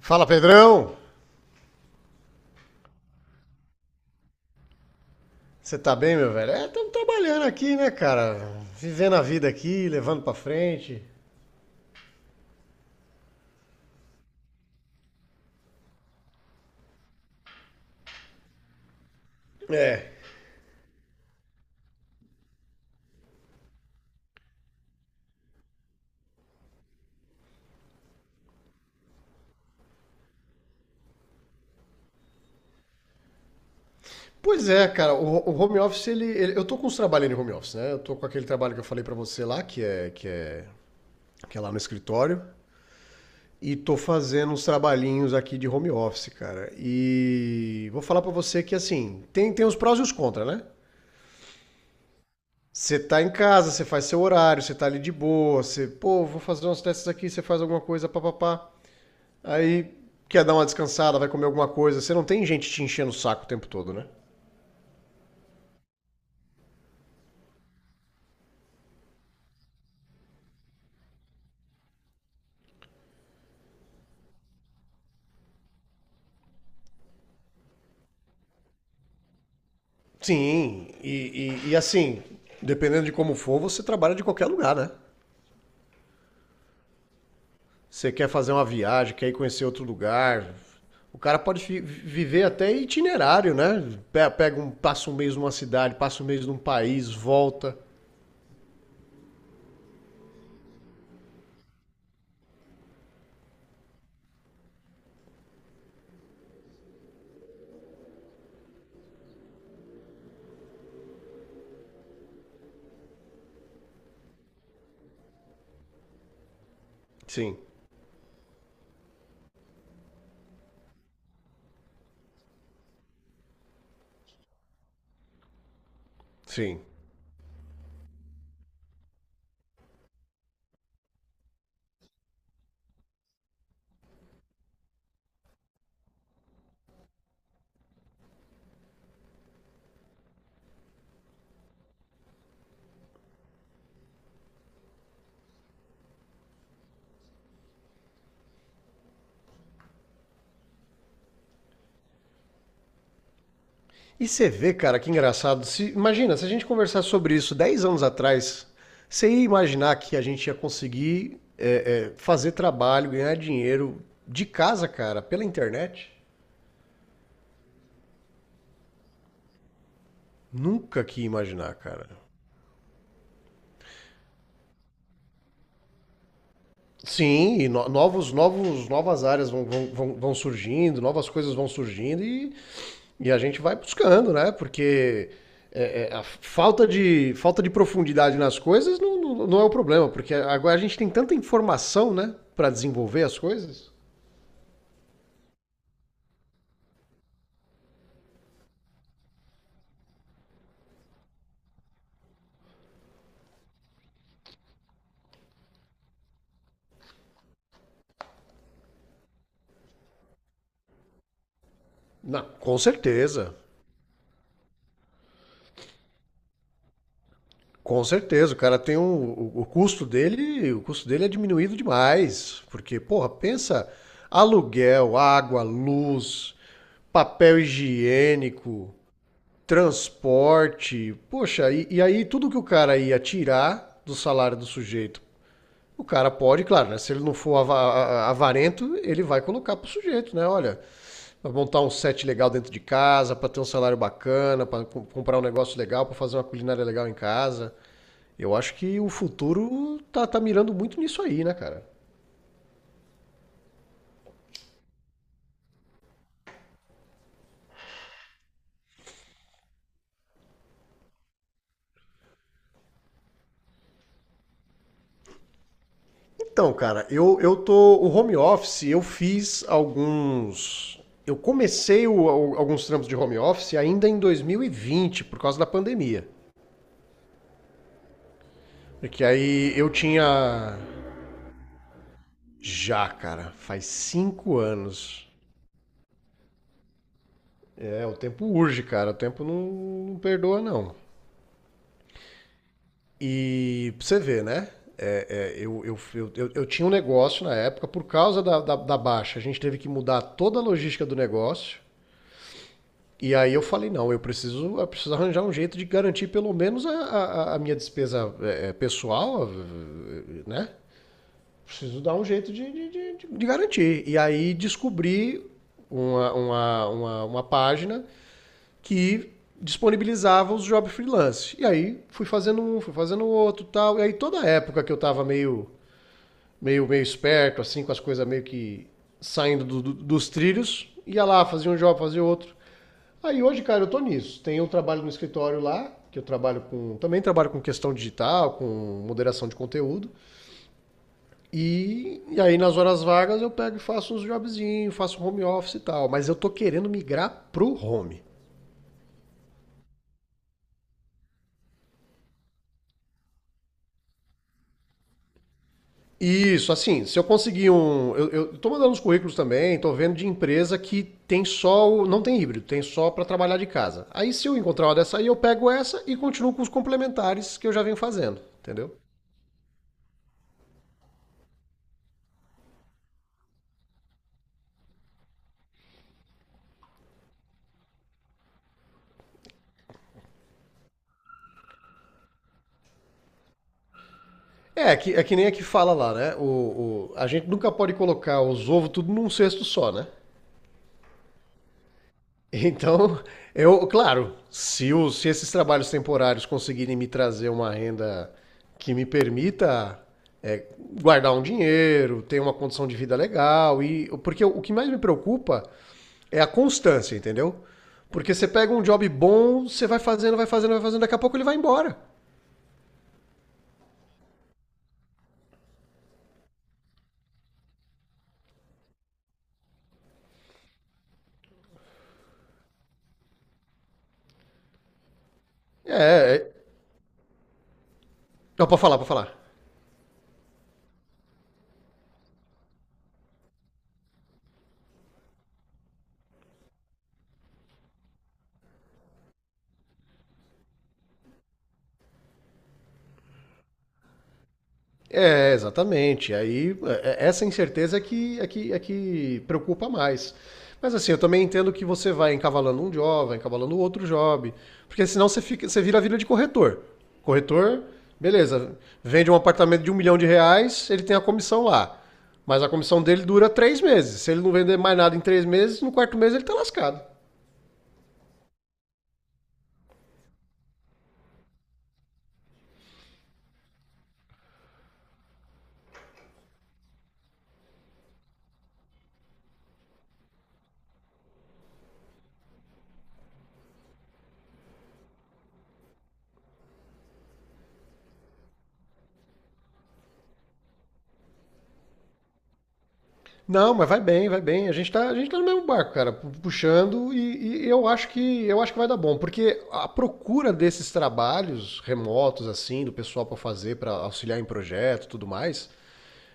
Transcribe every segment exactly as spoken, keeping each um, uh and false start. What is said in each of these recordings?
Fala, Pedrão! Você tá bem, meu velho? É, estamos trabalhando aqui, né, cara? Vivendo a vida aqui, levando pra frente. É. Pois é, cara, o, o home office, ele, ele- eu tô com uns trabalhando em home office, né? Eu tô com aquele trabalho que eu falei pra você lá, que é, que é, que é lá no escritório. E tô fazendo uns trabalhinhos aqui de home office, cara. E vou falar pra você que, assim, tem, tem os prós e os contras, né? Você tá em casa, você faz seu horário, você tá ali de boa, você, pô, vou fazer umas testes aqui, você faz alguma coisa, papapá. Aí quer dar uma descansada, vai comer alguma coisa. Você não tem gente te enchendo o saco o tempo todo, né? Sim, e, e, e assim, dependendo de como for, você trabalha de qualquer lugar, né? Você quer fazer uma viagem, quer ir conhecer outro lugar. O cara pode fi- viver até itinerário, né? Pe- Pega um, passa um mês numa cidade, passa um mês num país, volta. Sim, sim. E você vê, cara, que engraçado. Se, Imagina, se a gente conversar sobre isso dez anos atrás, você ia imaginar que a gente ia conseguir é, é, fazer trabalho, ganhar dinheiro de casa, cara, pela internet? Nunca que ia imaginar, cara. Sim, e no- novos, novos, novas áreas vão, vão, vão, vão surgindo, novas coisas vão surgindo e E a gente vai buscando, né? Porque é, é, a falta de, falta de profundidade nas coisas não, não, não é o problema, porque agora a gente tem tanta informação, né? Para desenvolver as coisas. Não, com certeza. Com certeza, o cara tem um, o, o custo dele, o custo dele é diminuído demais, porque porra, pensa aluguel, água, luz, papel higiênico, transporte, poxa, e, e aí tudo que o cara ia tirar do salário do sujeito. O cara pode, claro, né? Se ele não for ava- a- avarento, ele vai colocar pro sujeito, né? Olha, vai montar um set legal dentro de casa, pra ter um salário bacana, pra com- comprar um negócio legal, pra fazer uma culinária legal em casa. Eu acho que o futuro tá, tá mirando muito nisso aí, né, cara? Então, cara, eu, eu tô. O home office, eu fiz alguns. Eu comecei o- al- alguns trampos de home office ainda em dois mil e vinte por causa da pandemia. Porque aí eu tinha. Já, cara, faz cinco anos. É, o tempo urge, cara. O tempo não, não perdoa, não. E pra você ver, né? É, é, eu, eu, eu, eu, eu tinha um negócio na época, por causa da, da, da baixa, a gente teve que mudar toda a logística do negócio. E aí eu falei, não, eu preciso, eu preciso arranjar um jeito de garantir pelo menos a, a, a minha despesa é, é, pessoal, eh, né? Preciso dar um jeito de, de, de, de garantir. E aí descobri uma, uma, uma, uma página que disponibilizava os jobs freelance. E aí fui fazendo um, fui fazendo outro e tal. E aí toda a época que eu tava meio, meio, meio esperto, assim, com as coisas meio que saindo do- do- dos trilhos, ia lá, fazia um job, fazia outro. Aí hoje, cara, eu tô nisso. Tem um trabalho no escritório lá, que eu trabalho com. Também trabalho com questão digital, com moderação de conteúdo. E, e aí nas horas vagas eu pego e faço uns jobzinhos, faço home office e tal. Mas eu tô querendo migrar pro home. Isso, assim, se eu conseguir um. Eu, eu tô mandando uns currículos também, tô vendo de empresa que tem só. o- Não tem híbrido, tem só para trabalhar de casa. Aí se eu encontrar uma dessa aí, eu pego essa e continuo com os complementares que eu já venho fazendo, entendeu? É, é que, é que nem a que fala lá, né? O, o- a gente nunca pode colocar os ovos tudo num cesto só, né? Então, eu, claro, se, os, se esses trabalhos temporários conseguirem me trazer uma renda que me permita é, guardar um dinheiro, ter uma condição de vida legal, e porque o que mais me preocupa é a constância, entendeu? Porque você pega um job bom, você vai fazendo, vai fazendo, vai fazendo, daqui a pouco ele vai embora. É, é não, pode falar, pode falar. É, exatamente. Aí é- é, essa incerteza é que, é que, é que preocupa mais. Mas assim, eu também entendo que você vai encavalando um job, vai encavalando outro job, porque senão você fica, você vira a vida de corretor. Corretor, beleza, vende um apartamento de um milhão de reais, ele tem a comissão lá. Mas a comissão dele dura três meses. Se ele não vender mais nada em três meses, no quarto mês ele tá lascado. Não, mas vai bem, vai bem. A gente tá, a gente tá no mesmo barco, cara, pu- puxando e, e eu acho que eu acho que vai dar bom, porque a procura desses trabalhos remotos assim, do pessoal pra fazer, pra auxiliar em projeto, e tudo mais,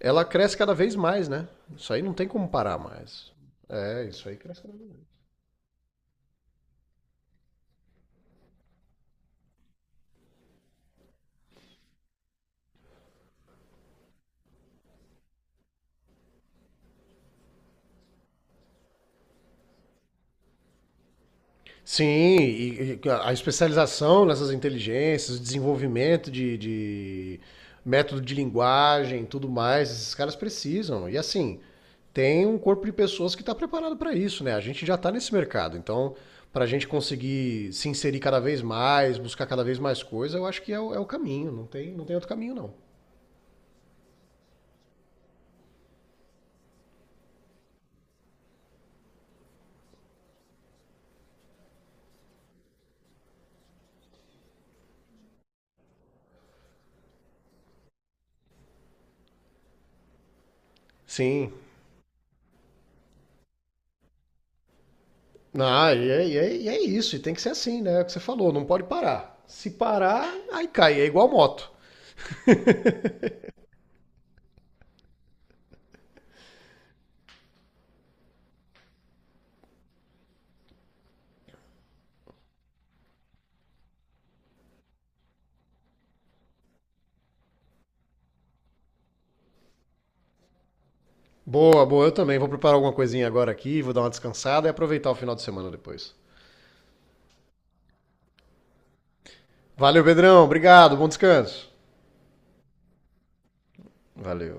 ela cresce cada vez mais, né? Isso aí não tem como parar mais. É, isso aí cresce cada vez mais. Sim, e, e a especialização nessas inteligências, o desenvolvimento de, de método de linguagem, tudo mais, esses caras precisam. E assim, tem um corpo de pessoas que está preparado para isso, né? A gente já está nesse mercado, então para a gente conseguir se inserir cada vez mais, buscar cada vez mais coisa, eu acho que é o, é o caminho, não tem, não tem outro caminho não. Sim. Ah, e é, e é- e é isso, e tem que ser assim, né? É o que você falou, não pode parar. Se parar, aí cai, é igual moto. Boa, boa, eu também. Vou preparar alguma coisinha agora aqui, vou dar uma descansada e aproveitar o final de semana depois. Valeu, Pedrão. Obrigado, bom descanso. Valeu.